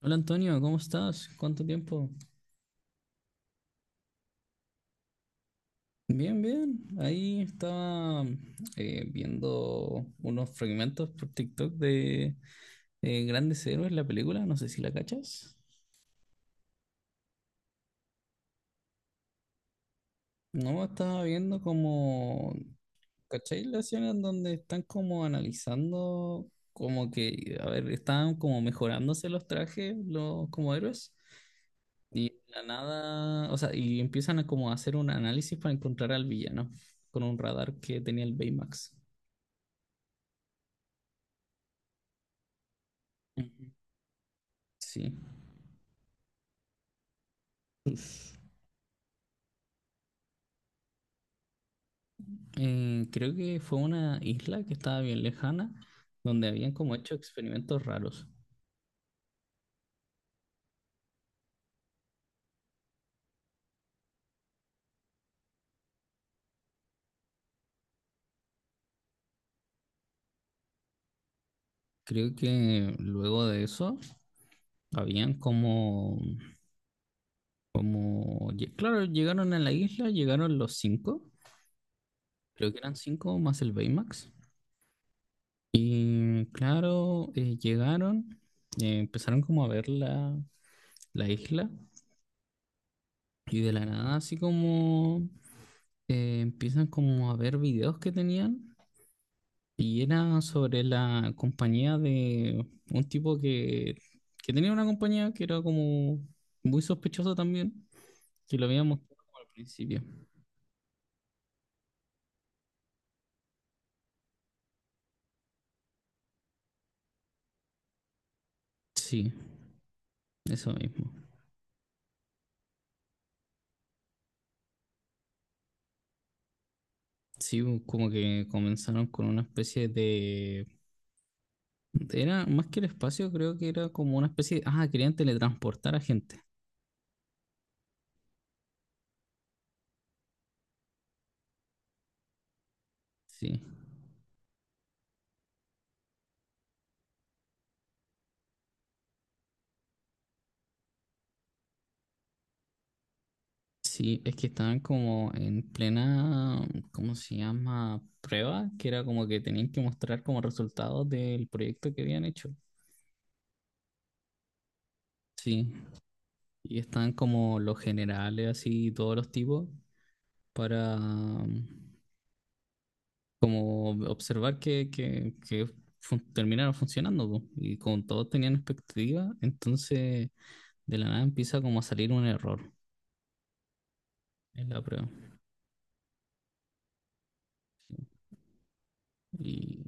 Hola Antonio, ¿cómo estás? ¿Cuánto tiempo? Bien, bien. Ahí estaba viendo unos fragmentos por TikTok de Grandes Héroes, la película, no sé si la cachas. No, estaba viendo como, ¿cachai? La escena en donde están como analizando, como que, a ver, estaban como mejorándose los trajes, los como héroes, y de la nada, o sea, y empiezan a como hacer un análisis para encontrar al villano con un radar que tenía el Baymax. Ujú. Sí. Creo que fue una isla que estaba bien lejana, donde habían como hecho experimentos raros. Creo que luego de eso, habían como, como, claro, llegaron a la isla, llegaron los cinco, creo que eran cinco más el Baymax. Y claro, llegaron, empezaron como a ver la, la isla y de la nada así como empiezan como a ver videos que tenían. Y era sobre la compañía de un tipo que tenía una compañía que era como muy sospechosa también, que lo habíamos mostrado como al principio. Sí, eso mismo. Sí, como que comenzaron con una especie de... Era más que el espacio, creo que era como una especie de... Ah, querían teletransportar a gente. Sí, sí, es que estaban como en plena, ¿cómo se llama? Prueba, que era como que tenían que mostrar como resultados del proyecto que habían hecho. Sí, y están como los generales, así, todos los tipos, para como observar que terminaron funcionando, po. Y como todos tenían expectativa, entonces de la nada empieza como a salir un error en la prueba. Y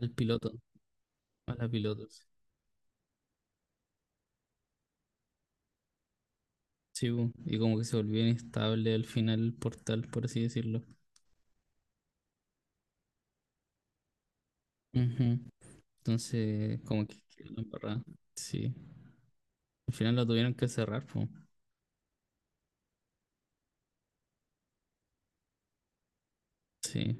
al piloto, a la piloto. Sí. Sí, po, y como que se volvió inestable al final el portal, por así decirlo. Ujú. Entonces, como que quedó la embarrada. Sí, al final lo tuvieron que cerrar, po. Sí,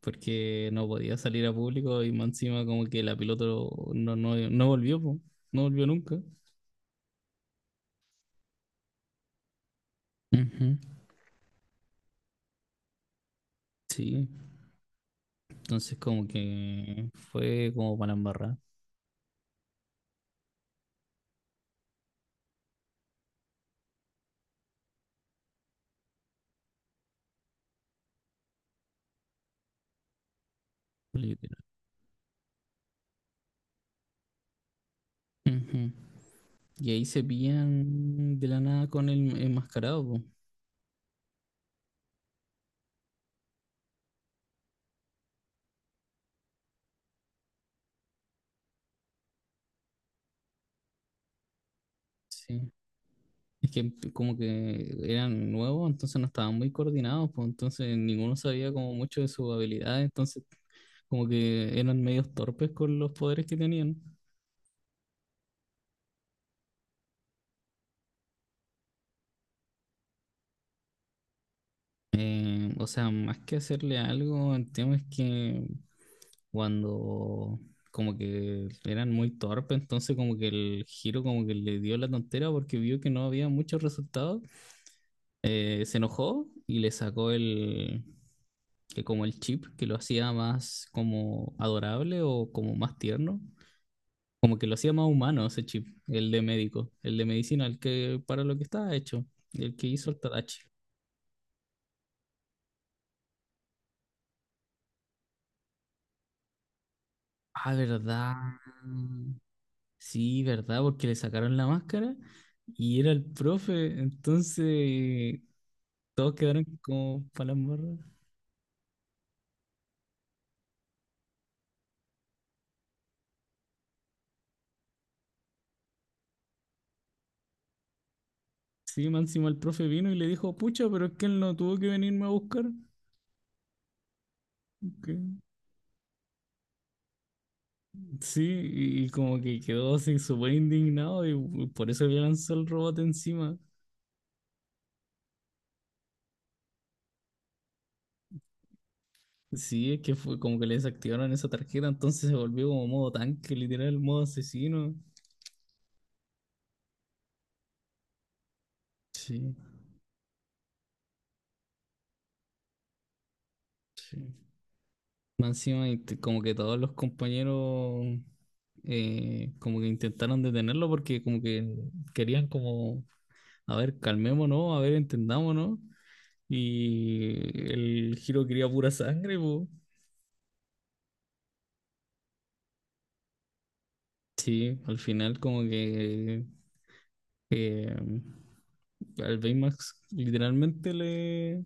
porque no podía salir a público y más encima como que la piloto no volvió, po. No volvió nunca. Ujú. Sí, entonces como que fue como para embarrar, literal. Ujú. Y ahí se pillan de la nada con el enmascarado, po. Sí. Es que como que eran nuevos, entonces no estaban muy coordinados, pues entonces ninguno sabía como mucho de sus habilidades, entonces como que eran medios torpes con los poderes que tenían. O sea, más que hacerle algo, el tema es que cuando como que eran muy torpes, entonces como que el giro como que le dio la tontera porque vio que no había muchos resultados, se enojó y le sacó el, que como el chip que lo hacía más como adorable o como más tierno, como que lo hacía más humano ese chip, el de médico, el de medicina, el que para lo que estaba hecho, el que hizo el Tadachi. Ah, ¿verdad? Sí, ¿verdad? Porque le sacaron la máscara y era el profe. Entonces, todos quedaron como para las morras. Sí, más encima el profe vino y le dijo, pucha, pero es que él no tuvo que venirme a buscar. Que- Sí, y como que quedó así súper indignado y por eso le lanzó el robot encima. Sí, es que fue como que le desactivaron esa tarjeta, entonces se volvió como modo tanque, literal, modo asesino. Sí, sí. Más encima, y como que todos los compañeros como que intentaron detenerlo porque como que querían como, a ver, calmémonos, a ver, entendámonos. Y el giro quería pura sangre, po. Sí, al final como que eh, al Baymax literalmente le...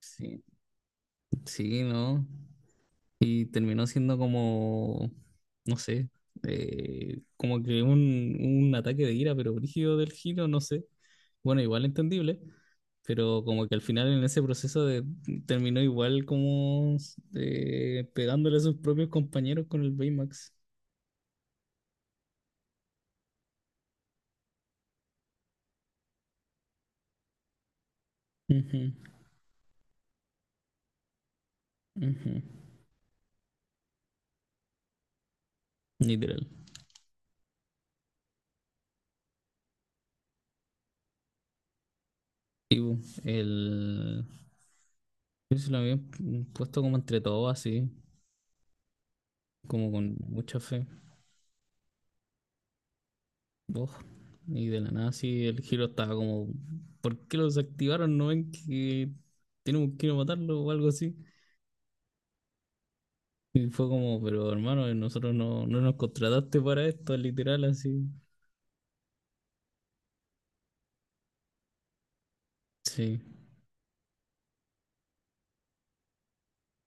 Sí, sí, ¿no? Y terminó siendo como, no sé, como que un ataque de ira, pero brígido del giro, no sé. Bueno, igual entendible, pero como que al final en ese proceso de, terminó igual como pegándole a sus propios compañeros con el Baymax. Ujú, ujú. Literal. El, yo se lo había puesto como entre todos así, como con mucha fe. Oh, y de la nada sí el giro estaba como, ¿por qué lo desactivaron? ¿No ven que tenemos que ir a matarlo o algo así? Y fue como, pero hermano, nosotros no, no nos contrataste para esto, literal, así. Sí.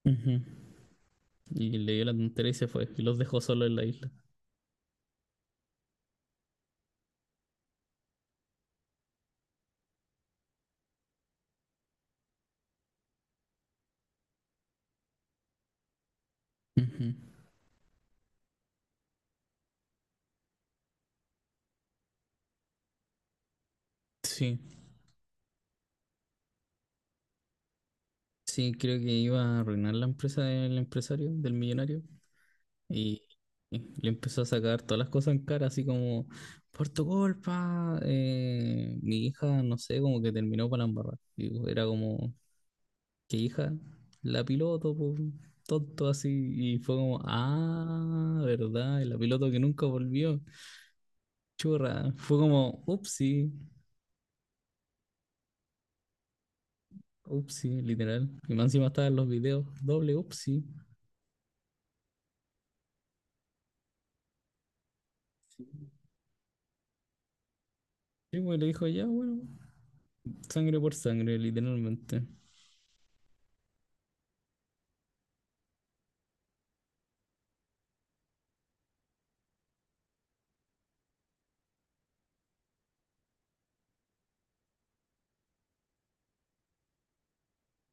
Ujú. Y le dio la tontería y se fue. Y los dejó solo en la isla. Ujú. Sí. Sí, creo que iba a arruinar la empresa del empresario, del millonario. Y, y le empezó a sacar todas las cosas en cara, así como, por tu culpa, mi hija, no sé, como que terminó para la embarrada. Y era como, ¿qué hija? La piloto, po, tonto así. Y fue como, ah, ¿verdad? Y la piloto que nunca volvió. Churra. Fue como, upsi, upsi, literal. Y más encima estaban los videos, doble upsi. Sí, pues le dijo, ya, bueno, sangre por sangre, literalmente.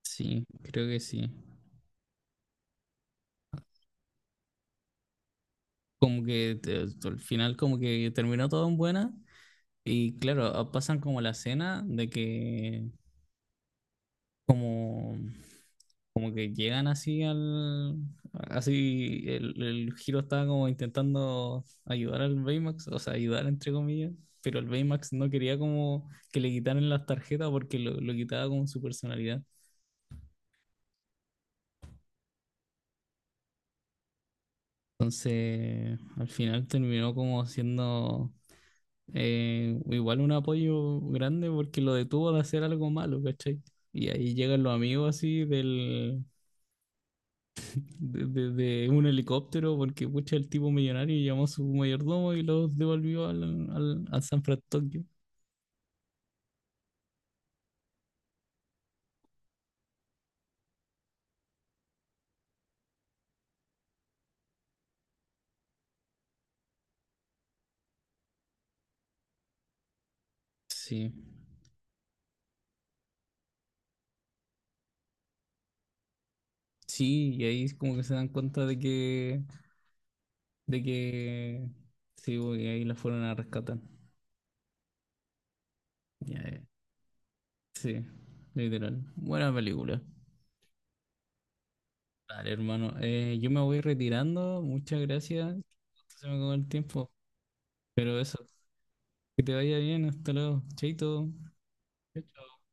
Sí, creo que sí. Como que al final como que terminó todo en buena y claro, ah, pasan como la escena de que como como que llegan así al así el Hiro estaba como intentando ayudar al Baymax, o sea, ayudar entre comillas, pero el Baymax no quería como que le quitaran las tarjetas porque lo quitaba con su personalidad. Entonces, al final terminó como siendo igual un apoyo grande porque lo detuvo de hacer algo malo, ¿cachai? Y ahí llegan los amigos así del, de, de un helicóptero porque pucha el tipo millonario llamó a su mayordomo y los devolvió al, al, a San Francisco. Sí, sí, y ahí es como que se dan cuenta de que, sí, bo, y ahí la fueron a rescatar. Ya, sí, literal. Buena película. Dale, hermano. Yo me voy retirando. Muchas gracias. Se me acabó el tiempo. Pero eso, que te vaya bien. Hasta luego. Chaito. Chao, chao.